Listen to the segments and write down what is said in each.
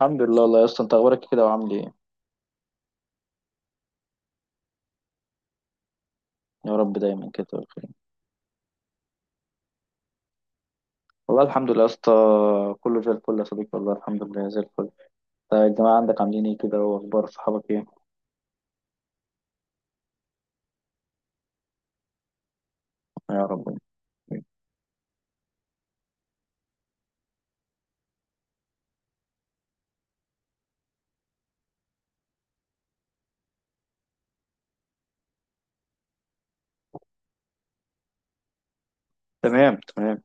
الحمد لله والله يا اسطى انت اخبارك إيه كده وعامل ايه؟ يا رب دايما كده تبقى بخير. والله الحمد لله يا اسطى، كله زي الفل يا صديقي، والله الحمد لله زي الفل. طيب الجماعه عندك عاملين ايه كده، واخبار صحابك ايه؟ يا رب. تمام، تمام.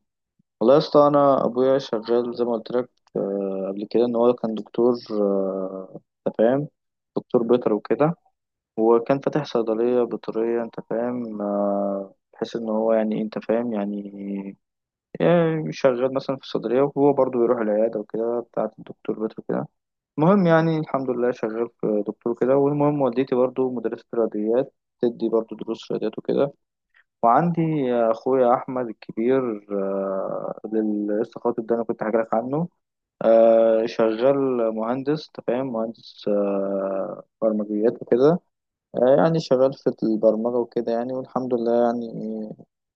والله يا اسطى انا ابويا شغال زي ما قلت لك. قبل كده ان هو كان دكتور، انت فاهم، دكتور بيطري وكده. وكان فاتح صيدليه بيطريه، انت فاهم، بحيث ان هو يعني انت فاهم يعني. يعني شغال مثلا في الصيدلية، وهو برضه بيروح العيادة وكده، بتاعة الدكتور بيتر كده. المهم يعني الحمد لله شغال في دكتور كده، والمهم والدتي برضه مدرسة رياضيات، تدي برضه دروس رياضيات وكده. وعندي أخويا أحمد الكبير، اللي لسه خاطب ده، أنا كنت حكي لك عنه. شغال مهندس، أنت فاهم، مهندس برمجيات وكده. يعني شغال في البرمجة وكده يعني، والحمد لله يعني.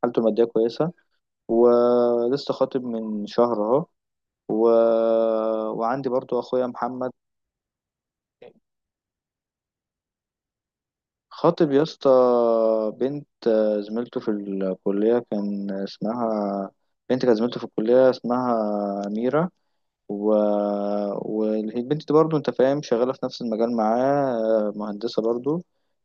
حالته المادية كويسة، ولسه خاطب من شهر اهو. و... وعندي برضو اخويا محمد. خاطب يا اسطى. بنت، زميلته في الكلية، كان اسمها... بنت كانت زميلته في الكلية، اسمها أميرة. و... والبنت دي برضو، انت فاهم، شغالة في نفس المجال معاه، مهندسة برضو.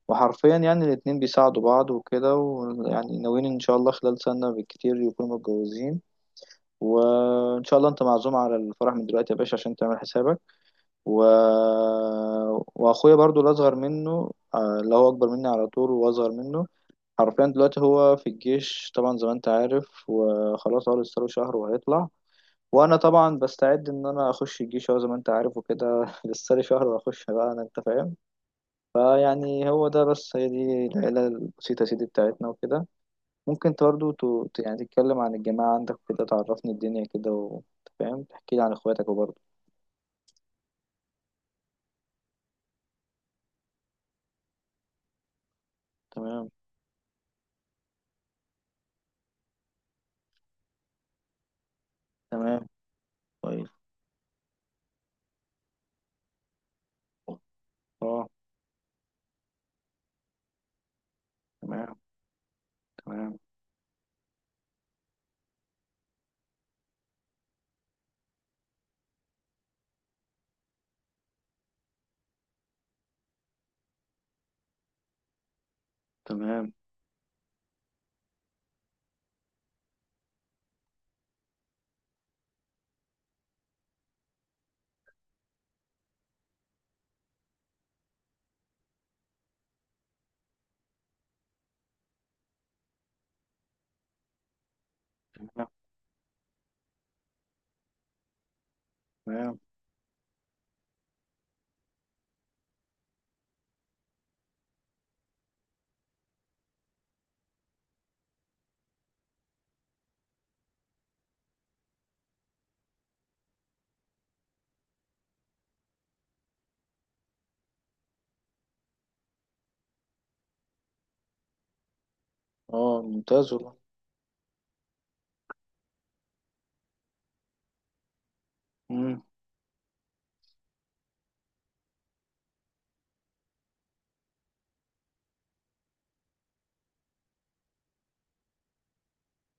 وحرفيا يعني الاتنين بيساعدوا بعض وكده، ويعني ناويين ان شاء الله خلال سنة بالكتير يكونوا متجوزين. وان شاء الله انت معزوم على الفرح من دلوقتي يا باشا عشان تعمل حسابك. و... واخويا برضو الاصغر منه، اللي هو اكبر مني على طول واصغر منه. حرفيا دلوقتي هو في الجيش طبعا زي ما انت عارف، وخلاص هو لسه له شهر وهيطلع. وانا طبعا بستعد ان انا اخش الجيش اهو زي ما انت عارف وكده لسه لي شهر واخش بقى انا، انت فاهم. فيعني هو ده بس، هي دي العيله البسيطه يا سيدي بتاعتنا وكده. ممكن انت برضو يعني تتكلم عن الجماعه عندك وكده، تعرفني الدنيا كده، وانت فاهم، تحكي لي عن اخواتك وبرضه. تمام، تمام، كويس. اه. تمام. تمام، تمام، تمام، تمام. اه، ممتاز والله. مم.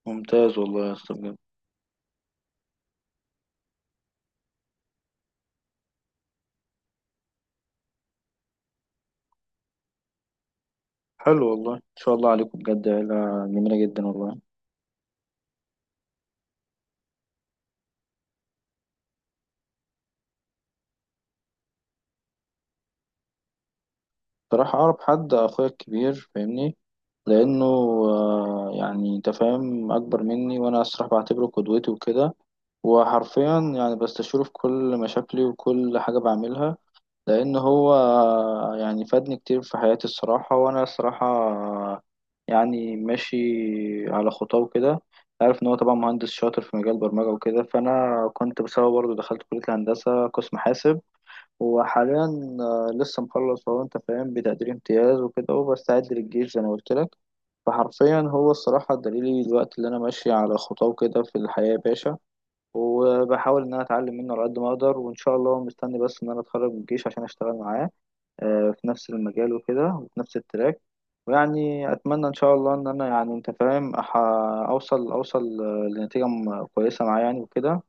ممتاز والله يا اسطى، بجد. حلو والله، ان شاء الله عليكم، بجد عيلة جميلة جدا والله. بصراحة اعرف حد، اخويا الكبير فاهمني، لانه يعني انت فاهم، اكبر مني، وانا الصراحه بعتبره قدوتي وكده. وحرفيا يعني بستشيره في كل مشاكلي وكل حاجه بعملها، لأن هو يعني فادني كتير في حياتي الصراحة. وأنا الصراحة يعني ماشي على خطاه كده. عارف إن هو طبعا مهندس شاطر في مجال البرمجة وكده، فأنا كنت بسببه برضه دخلت كلية الهندسة قسم حاسب. وحاليا، لسه مخلص هو، أنت فاهم، بتقدير امتياز وكده، وبستعد للجيش زي ما قلت لك. فحرفيا هو الصراحة دليلي دلوقتي، اللي أنا ماشي على خطاه كده في الحياة يا باشا. وبحاول إن أنا أتعلم منه على قد ما أقدر، وإن شاء الله مستني بس إن أنا أتخرج من الجيش عشان أشتغل معاه في نفس المجال وكده، وفي نفس التراك. ويعني أتمنى إن شاء الله إن أنا يعني أنت فاهم أوصل لنتيجة كويسة معايا يعني وكده،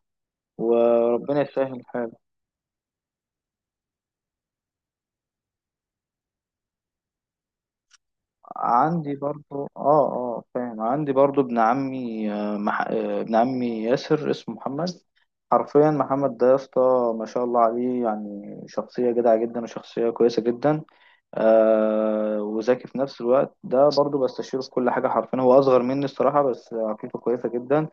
وربنا يسهل الحال. عندي برضو، اه، اه، فاهم. عندي برضو ابن عمي، ابن عمي ياسر، اسمه محمد. حرفيا محمد ده يا اسطى، ما شاء الله عليه، يعني شخصية جدعة جدا، وشخصية كويسة جدا، آه، وذكي في نفس الوقت. ده برضو بستشيره في كل حاجة. حرفيا هو أصغر مني الصراحة، بس عقليته كويسة جدا.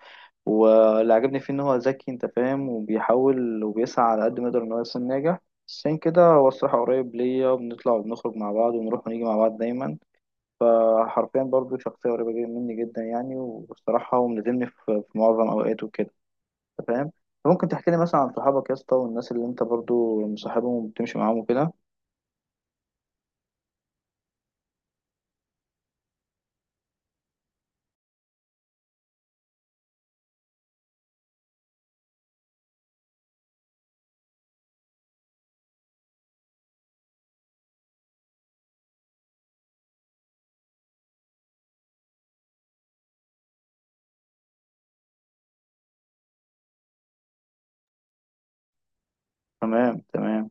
واللي عجبني فيه إن هو ذكي، أنت فاهم، وبيحاول وبيسعى على قد ما يقدر إن هو يكون ناجح. عشان كده هو الصراحة قريب ليا، وبنطلع وبنخرج مع بعض، ونروح ونيجي مع بعض دايما. فحرفيا برضو شخصية قريبة جدا مني جدا يعني. والصراحة هو ملازمني في معظم أوقاته كده، أنت فاهم. ممكن تحكي لي مثلا عن صحابك يا اسطى، والناس اللي أنت برضو مصاحبهم وبتمشي معاهم وكده؟ تمام، تمام.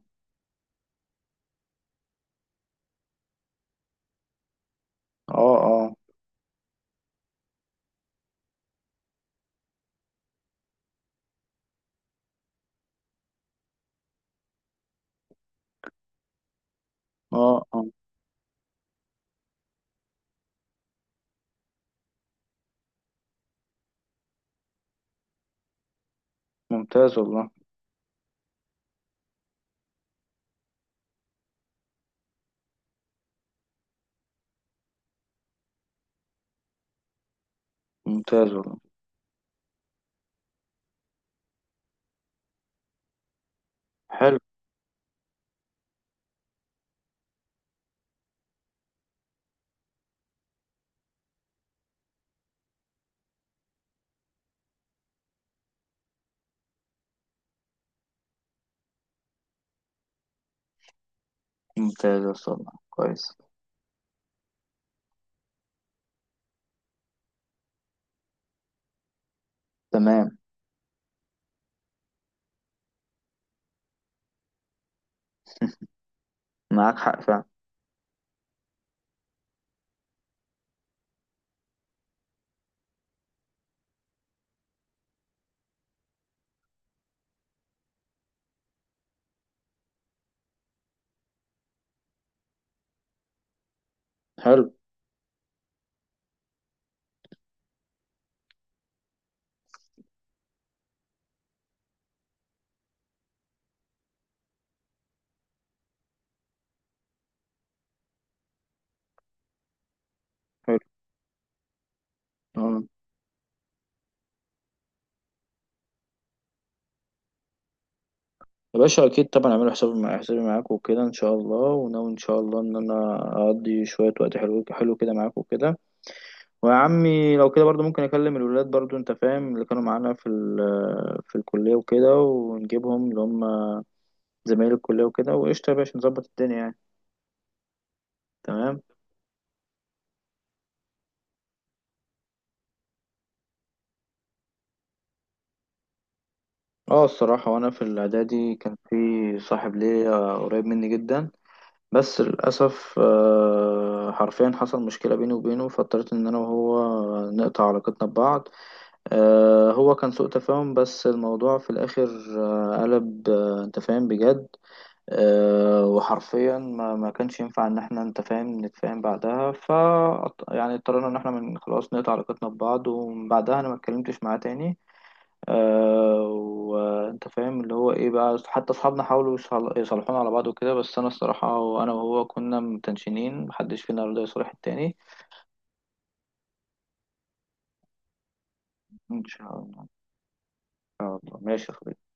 أه، أه. أه، أه. ممتاز والله. ممتاز والله. حلو. ممتاز يا اسطى والله، كويس. تمام. معاك حق فعلا. حلو، حلو. آه. يا باشا اكيد طبعا، اعملوا حسابي معاك وكده ان شاء الله. وناوي ان شاء الله ان انا اقضي شويه وقت حلو حلو كده معاك وكده. ويا عمي لو كده برضو ممكن اكلم الولاد برضو، انت فاهم، اللي كانوا معانا في في الكليه وكده، ونجيبهم، اللي هم زمايل الكليه وكده. وقشطه يا باشا، نظبط الدنيا يعني. تمام. اه، الصراحه وانا في الاعدادي كان في صاحب ليا قريب مني جدا. بس للاسف، حرفيا حصل مشكله بيني وبينه، فاضطريت ان انا وهو نقطع علاقتنا ببعض. هو كان سوء تفاهم، بس الموضوع في الآخر، قلب، أنت فاهم، بجد. وحرفيا ما كانش ينفع إن احنا، أنت فاهم، نتفاهم بعدها. يعني اضطرينا إن احنا من خلاص نقطع علاقتنا ببعض، ومن بعدها أنا ما اتكلمتش معاه تاني. آه، وأنت فاهم اللي هو إيه بقى. حتى أصحابنا حاولوا يصالحونا على بعض وكده، بس أنا الصراحة، وأنا وهو كنا متنشنين، محدش فينا رضى يصالح التاني. إن شاء الله، إن شاء الله ماشي يا صديقي.